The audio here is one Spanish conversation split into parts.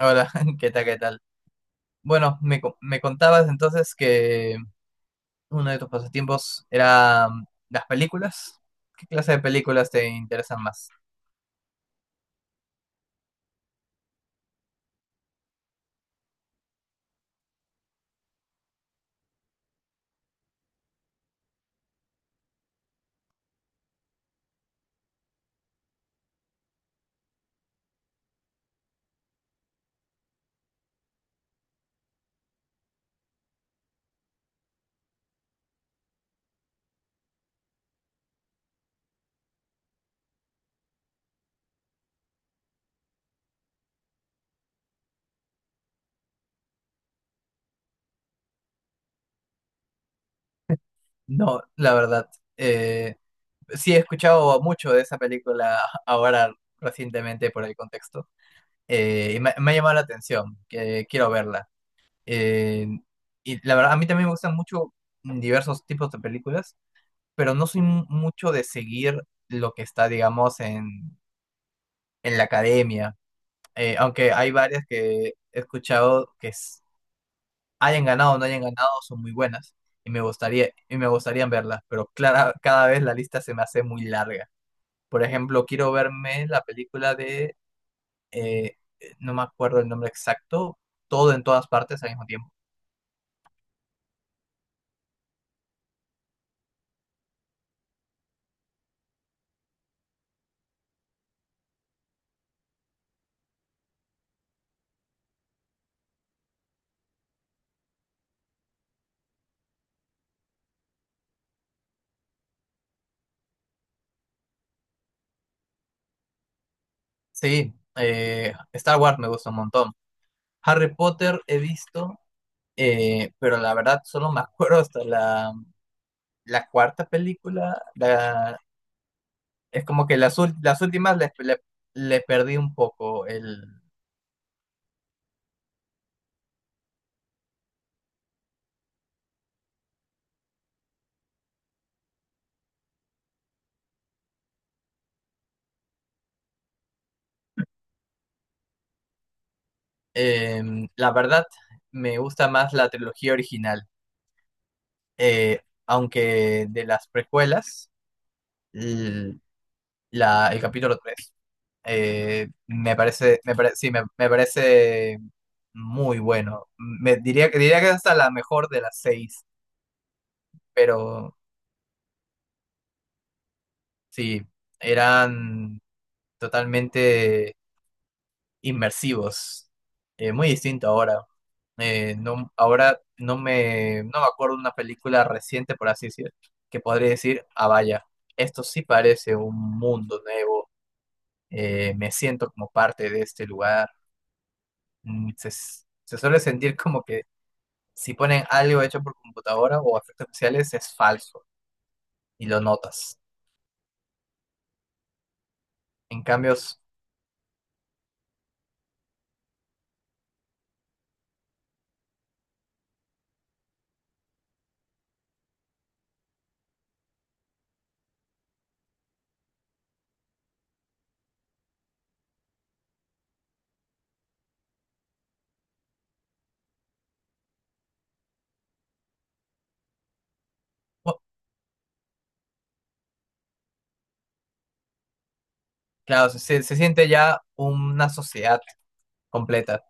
Hola, ¿qué tal? ¿Qué tal? Bueno, me contabas entonces que uno de tus pasatiempos era las películas. ¿Qué clase de películas te interesan más? No, la verdad. eh, sí he escuchado mucho de esa película ahora recientemente por el contexto. Me ha llamado la atención, que quiero verla. Eh, y la verdad, a mí también me gustan mucho diversos tipos de películas, pero no soy mucho de seguir lo que está, digamos, en la academia, aunque hay varias que he escuchado que hayan ganado o no hayan ganado, son muy buenas, y me gustaría verlas, pero clara, cada vez la lista se me hace muy larga. Por ejemplo, quiero verme la película de, eh, no me acuerdo el nombre exacto, todo en todas partes al mismo tiempo. Sí, Star Wars me gusta un montón. Harry Potter he visto, pero la verdad solo me acuerdo hasta la, la cuarta película, la... Es como que las, las últimas le perdí un poco el... La verdad, me gusta más la trilogía original, aunque de las precuelas, l- la, el capítulo 3 me parece, sí, me parece muy bueno. Diría que es hasta la mejor de las seis, pero sí, eran totalmente... inmersivos, muy distinto ahora. No, ahora no me acuerdo de una película reciente, por así decir, que podría decir, ah, vaya, esto sí parece un mundo nuevo, me siento como parte de este lugar. Se suele sentir como que si ponen algo hecho por computadora o efectos especiales es falso y lo notas. En cambio, oh, claro, se siente ya una sociedad completa.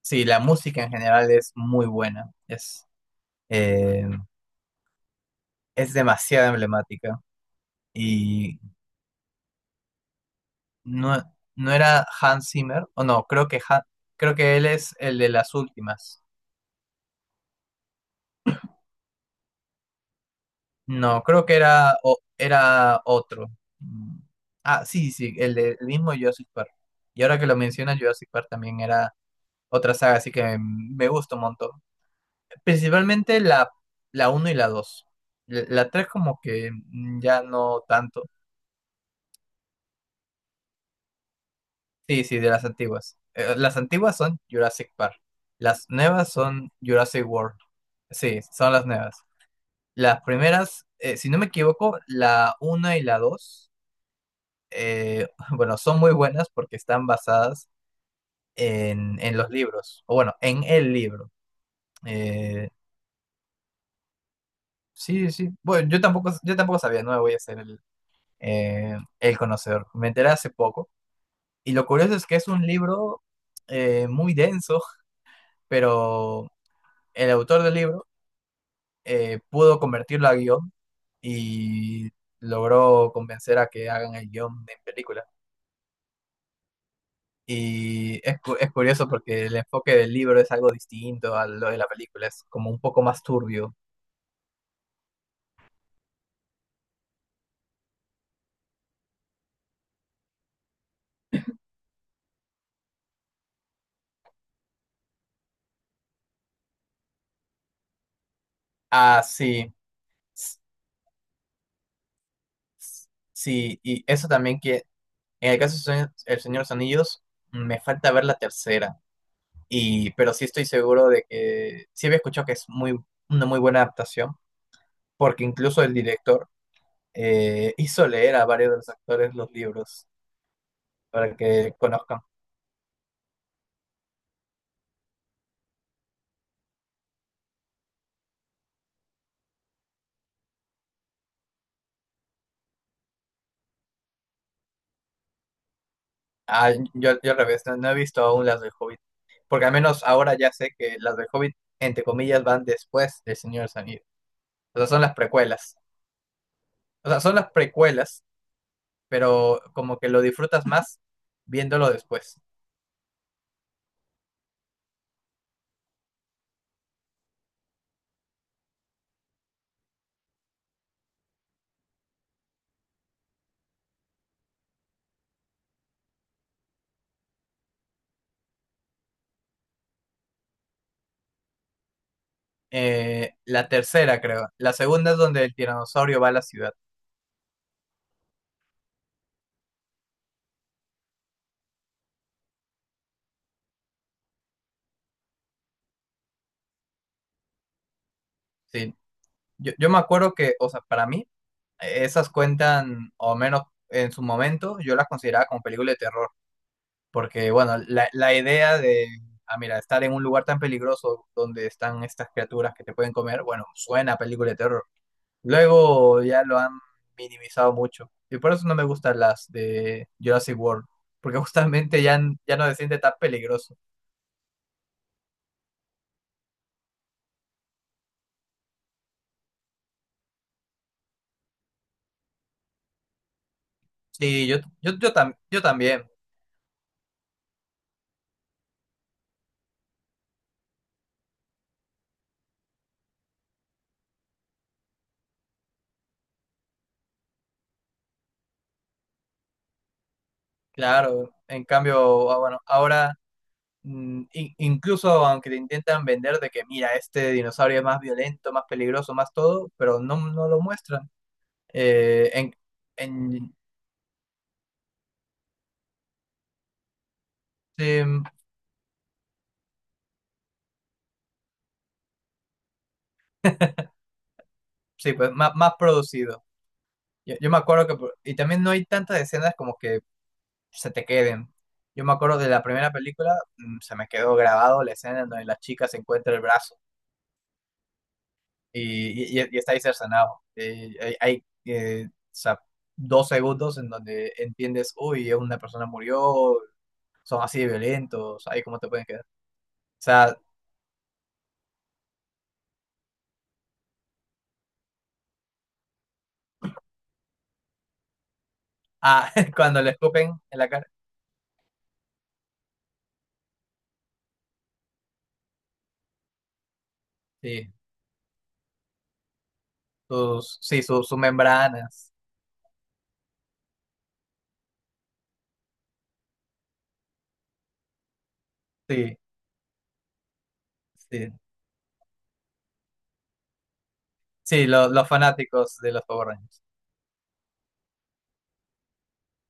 Sí, la música en general es muy buena. Eh, es demasiado emblemática. Y no, no era Hans Zimmer, o no, creo que, creo que él es el de las últimas. No, creo que era, era otro. Mm, Ah, sí, sí, el, el mismo Jurassic Park. Y ahora que lo mencionas, Jurassic Park también era otra saga, así que me gusta un montón. Principalmente la, la uno y la dos. La la 3 como que ya no tanto. Sí, sí, de las antiguas. Las antiguas son Jurassic Park. Las nuevas son Jurassic World. Sí, son las nuevas. Las primeras, si no me equivoco, la 1 y la 2, eh, bueno, son muy buenas porque están basadas en los libros, o bueno, en el libro. Eh, sí, sí. Bueno, yo tampoco sabía, no me voy a hacer el conocedor. Me enteré hace poco. Y lo curioso es que es un libro muy denso, pero el autor del libro pudo convertirlo a guión y logró convencer a que hagan el guión en película. Y es, es curioso porque el enfoque del libro es algo distinto a lo de la película, es como un poco más turbio. Ah, sí, s- sí, y eso también que en el caso de El Señor de los Anillos me falta ver la tercera, y, pero sí estoy seguro de que sí había escuchado que es muy, una muy buena adaptación, porque incluso el director hizo leer a varios de los actores los libros para que conozcan. Ah, yo al revés, no, no he visto aún las del Hobbit, porque al menos ahora ya sé que las del Hobbit, entre comillas, van después del Señor de los Anillos. O sea, son las precuelas. O sea, son las precuelas, pero como que lo disfrutas más viéndolo después. La tercera, creo. La segunda es donde el tiranosaurio va a la ciudad. Sí. Yo me acuerdo que, o sea, para mí, esas cuentan, o menos en su momento, yo las consideraba como película de terror. Porque, bueno, la idea de, ah, mira, estar en un lugar tan peligroso donde están estas criaturas que te pueden comer, bueno, suena a película de terror. Luego ya lo han minimizado mucho. Y por eso no me gustan las de Jurassic World. Porque justamente ya, ya no se siente tan peligroso. Sí, yo también, claro. En cambio, ah, bueno, ahora, incluso aunque te intentan vender de que, mira, este dinosaurio es más violento, más peligroso, más todo, pero no, no lo muestran. eh, en, en- sí, sí, pues más, producido. Yo me acuerdo que, y también no hay tantas escenas como que se te queden. Yo me acuerdo de la primera película, se me quedó grabado la escena en donde la chica se encuentra el brazo y, y está ahí cercenado. Hay, o sea, dos segundos en donde entiendes, uy, una persona murió, son así de violentos, ahí cómo te pueden quedar. O sea, ah, cuando le escupen en la cara, sí, sí, sus membranas. Sí, sí, sí, los fanáticos de los Power Rangers.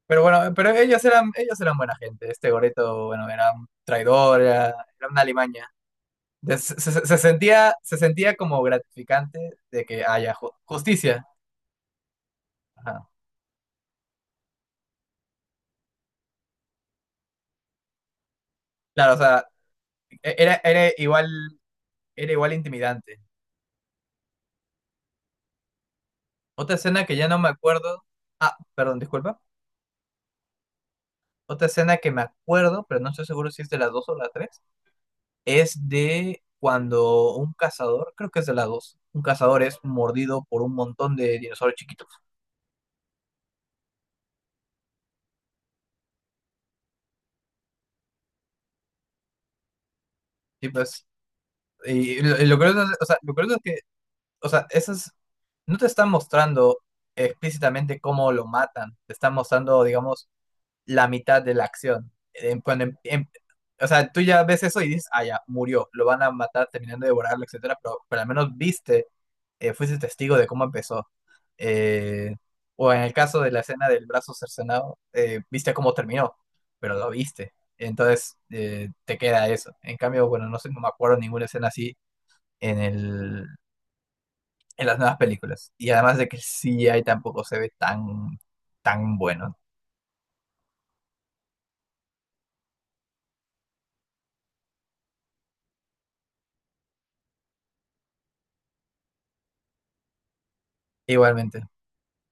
Pero bueno, pero ellos eran buena gente. Este Goreto, bueno, era un traidor, era, era una alimaña. Se sentía, se sentía como gratificante de que haya justicia. Ajá. Claro, o sea, era, era igual intimidante. Otra escena que ya no me acuerdo. Ah, perdón, disculpa. Otra escena que me acuerdo, pero no estoy seguro si es de las dos o las tres. Es de cuando un cazador, creo que es de la dos, un cazador es mordido por un montón de dinosaurios chiquitos. Y pues, y lo curioso, o sea, lo curioso es que, o sea, esas no te están mostrando explícitamente cómo lo matan, te están mostrando, digamos, la mitad de la acción. O sea, tú ya ves eso y dices, ah, ya, murió, lo van a matar terminando de devorarlo, etcétera, pero al menos viste, fuiste testigo de cómo empezó. Eh, o en el caso de la escena del brazo cercenado, viste cómo terminó, pero lo viste. Entonces te queda eso. En cambio, bueno, no sé, no me acuerdo ninguna escena así en el, en las nuevas películas. Y además de que el CGI tampoco se ve tan, tan bueno. Igualmente.